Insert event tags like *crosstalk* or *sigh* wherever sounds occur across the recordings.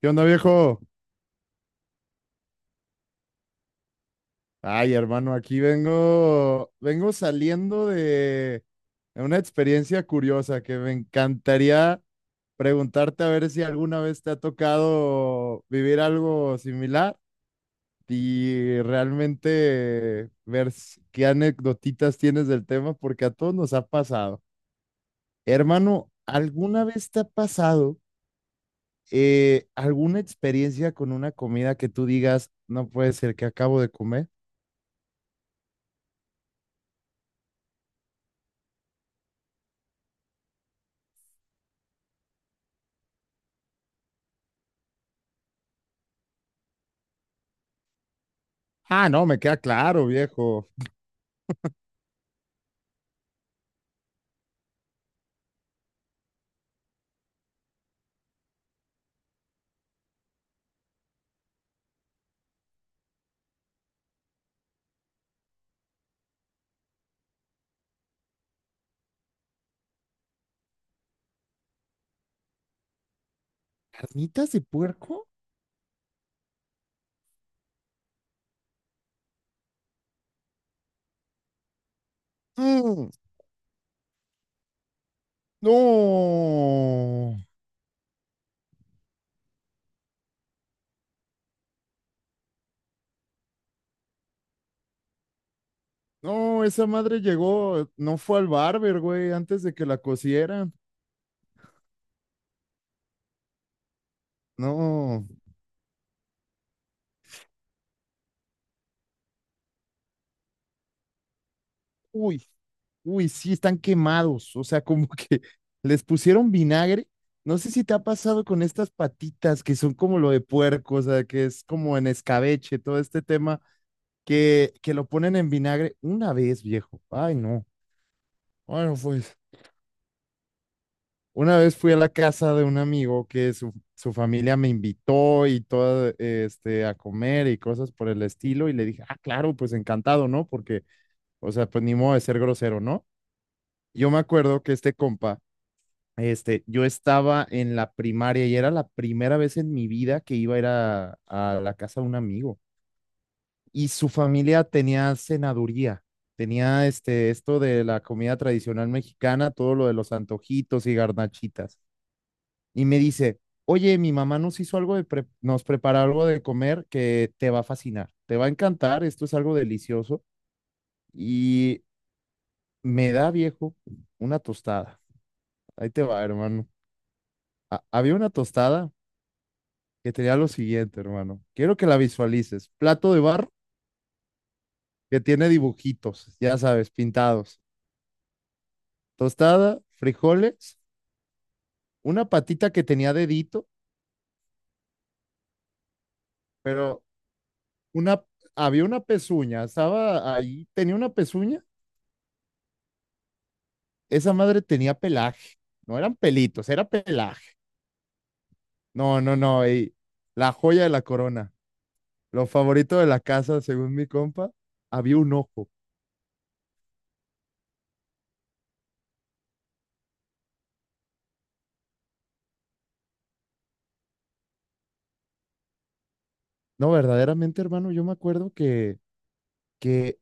¿Qué onda, viejo? Ay, hermano, aquí vengo, vengo saliendo de una experiencia curiosa que me encantaría preguntarte a ver si alguna vez te ha tocado vivir algo similar y realmente qué anecdotitas tienes del tema, porque a todos nos ha pasado. Hermano, ¿alguna vez te ha pasado alguna experiencia con una comida que tú digas, no puede ser que acabo de comer? Ah, no, me queda claro, viejo. ¿Carnitas de puerco? Mm, no, no, esa madre llegó, no fue al barber, güey, antes de que la cocieran. No, uy, uy, sí, están quemados, o sea, como que *laughs* les pusieron vinagre. No sé si te ha pasado con estas patitas que son como lo de puerco, o sea, que es como en escabeche, todo este tema, que lo ponen en vinagre una vez, viejo. Ay, no. Bueno, pues. Una vez fui a la casa de un amigo que su familia me invitó y todo, este, a comer y cosas por el estilo, y le dije, ah, claro, pues encantado, ¿no? Porque, o sea, pues ni modo de ser grosero, ¿no? Yo me acuerdo que este compa, este, yo estaba en la primaria y era la primera vez en mi vida que iba a ir a la casa de un amigo, y su familia tenía cenaduría. Tenía este, esto de la comida tradicional mexicana, todo lo de los antojitos y garnachitas. Y me dice, oye, mi mamá nos hizo nos preparó algo de comer que te va a fascinar, te va a encantar, esto es algo delicioso. Y me da, viejo, una tostada. Ahí te va, hermano. Había una tostada que tenía lo siguiente, hermano. Quiero que la visualices. Plato de barro que tiene dibujitos, ya sabes, pintados. Tostada, frijoles, una patita que tenía dedito, pero una, había una pezuña, estaba ahí, tenía una pezuña, esa madre tenía pelaje. No eran pelitos, era pelaje. No, no, no. Ey, la joya de la corona. Lo favorito de la casa, según mi compa, había un ojo. No, verdaderamente, hermano, yo me acuerdo que,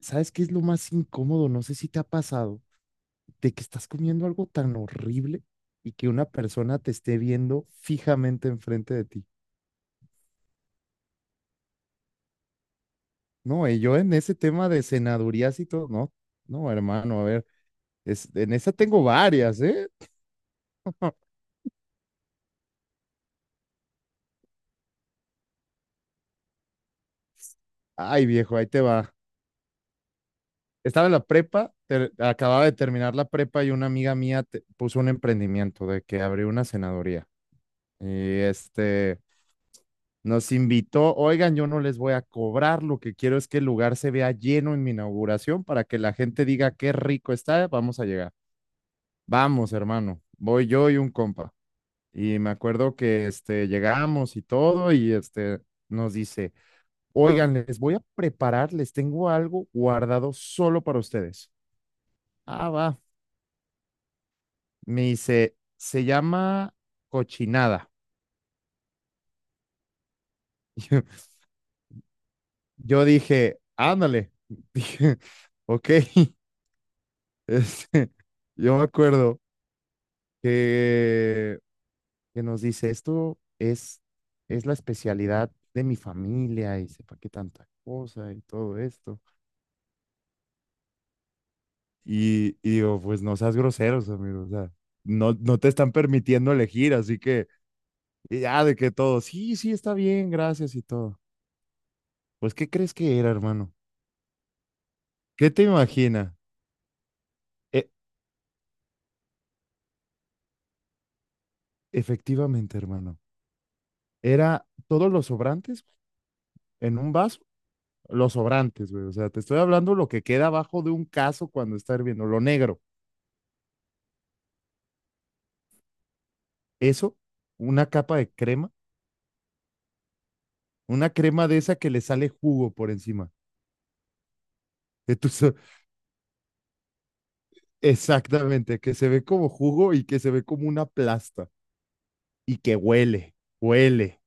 ¿sabes qué es lo más incómodo? No sé si te ha pasado, de que estás comiendo algo tan horrible y que una persona te esté viendo fijamente enfrente de ti. No, y yo en ese tema de senadurías y todo, no, no, hermano, a ver, es, en esa tengo varias, ¿eh? Ay, viejo, ahí te va. Estaba en la prepa, acababa de terminar la prepa y una amiga mía puso un emprendimiento de que abrió una senadoría. Y este nos invitó, oigan, yo no les voy a cobrar, lo que quiero es que el lugar se vea lleno en mi inauguración para que la gente diga qué rico está, vamos a llegar. Vamos, hermano, voy yo y un compa. Y me acuerdo que este llegamos y todo y este nos dice, oigan, les voy a preparar, les tengo algo guardado solo para ustedes. Ah, va. Me dice, se llama cochinada. *laughs* Yo, yo dije, ándale. *laughs* Dije, ok. Este, yo me acuerdo que, que nos dice, esto es la especialidad de mi familia y sepa qué tanta cosa y todo esto. Y digo, pues no seas groseros, amigo. O sea, no, no te están permitiendo elegir, así que y ya de que todo, sí, sí, está bien, gracias y todo. Pues, ¿qué crees que era, hermano? ¿Qué te imaginas? E- Efectivamente, hermano. Era todos los sobrantes en un vaso, los sobrantes, güey. O sea, te estoy hablando lo que queda abajo de un caso cuando está hirviendo, lo negro. Eso, una capa de crema, una crema de esa que le sale jugo por encima. de tu so- *laughs* exactamente, que se ve como jugo y que se ve como una plasta y que huele, huele.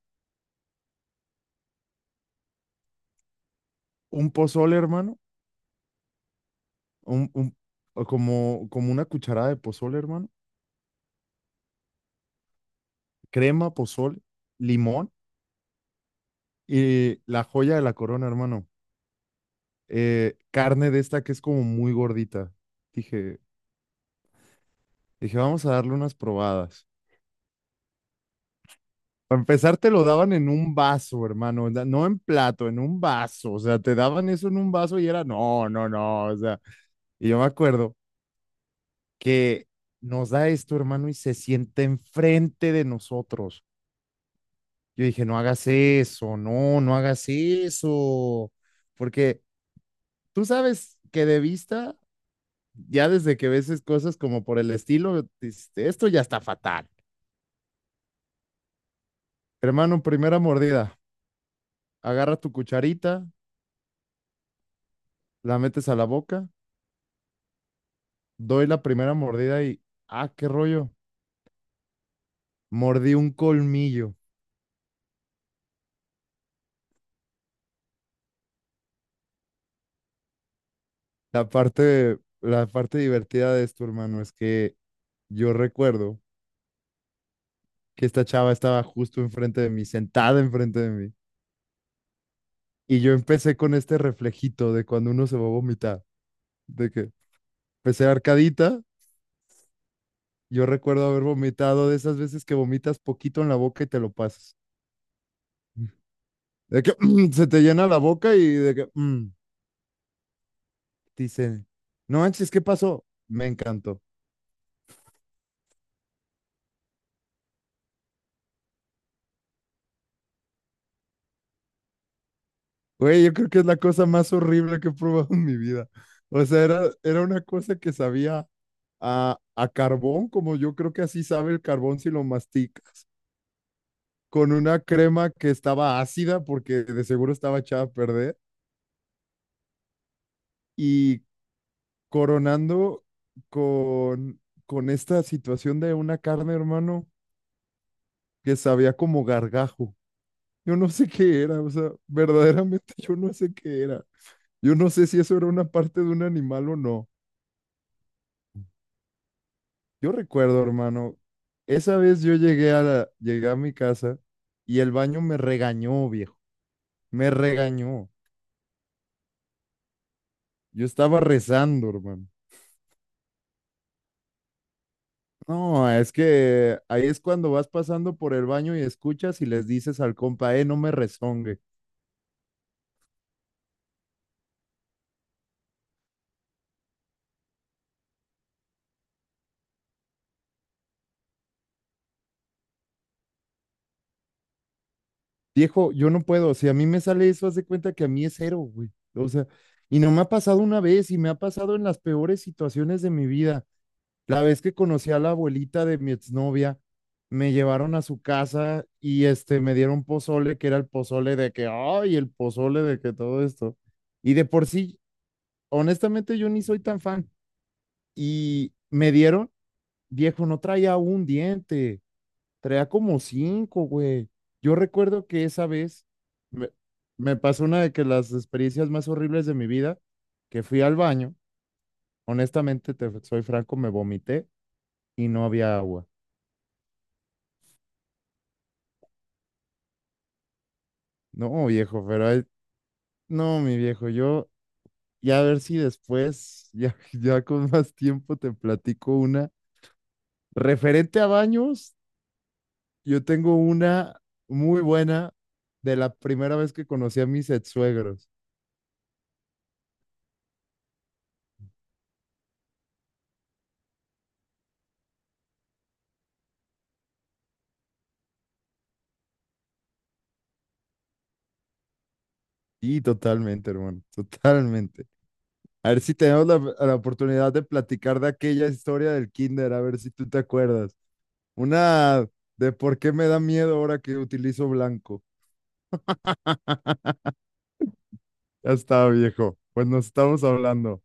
Un pozole, hermano, un, un- como, como una cucharada de pozole, hermano. Crema, pozole, limón. Y la joya de la corona, hermano. Carne de esta que es como muy gordita. Dije, dije, vamos a darle unas probadas. Para empezar, te lo daban en un vaso, hermano. No en plato, en un vaso. O sea, te daban eso en un vaso y era, no, no, no. O sea, y yo me acuerdo que nos da esto, hermano, y se sienta enfrente de nosotros. Yo dije, no hagas eso, no, no hagas eso. Porque tú sabes que de vista ya desde que ves cosas como por el estilo, dices, esto ya está fatal. Hermano, primera mordida, agarra tu cucharita, la metes a la boca, doy la primera mordida y, ah, qué rollo, mordí un colmillo. La parte divertida de esto, hermano, es que yo recuerdo que esta chava estaba justo enfrente de mí, sentada enfrente de mí, y yo empecé con este reflejito de cuando uno se va a vomitar, de que empecé arcadita. Yo recuerdo haber vomitado de esas veces que vomitas poquito en la boca y te lo pasas. De que *clears throat* se te llena la boca y de que mm, dice, no manches, ¿qué pasó? Me encantó. Güey, yo creo que es la cosa más horrible que he probado en mi vida. O sea, era una cosa que sabía a carbón, como yo creo que así sabe el carbón si lo mastica, con una crema que estaba ácida porque de seguro estaba echada a perder y coronando con, con esta situación de una carne, hermano, que sabía como gargajo. Yo no sé qué era, o sea, verdaderamente *laughs* yo no sé qué era. Yo no sé si eso era una parte de un animal o no. Yo recuerdo, hermano, esa vez yo llegué a mi casa y el baño me regañó, viejo. Me regañó. Yo estaba rezando, hermano. No, es que ahí es cuando vas pasando por el baño y escuchas y les dices al compa, no me rezongue. Viejo, yo no puedo. Si a mí me sale eso, haz de cuenta que a mí es cero, güey. O sea, y no me ha pasado una vez y me ha pasado en las peores situaciones de mi vida. La vez que conocí a la abuelita de mi exnovia, me llevaron a su casa y este me dieron pozole, que era el pozole de que, ay, el pozole de que todo esto. Y de por sí, honestamente, yo ni soy tan fan. Y me dieron, viejo, no traía un diente. Traía como cinco, güey. Yo recuerdo que esa vez me, me pasó una de que las experiencias más horribles de mi vida, que fui al baño, honestamente, te soy franco, me vomité y no había agua. No, viejo, pero ahí- no, mi viejo, yo ya a ver si después, ya, *laughs* ya con más tiempo te platico una. Referente a baños, yo tengo una muy buena de la primera vez que conocí a mis ex suegros. Y totalmente, hermano, totalmente. A ver si tenemos la oportunidad de platicar de aquella historia del kinder, a ver si tú te acuerdas. Una de por qué me da miedo ahora que utilizo blanco. Ya está, viejo. Pues nos estamos hablando.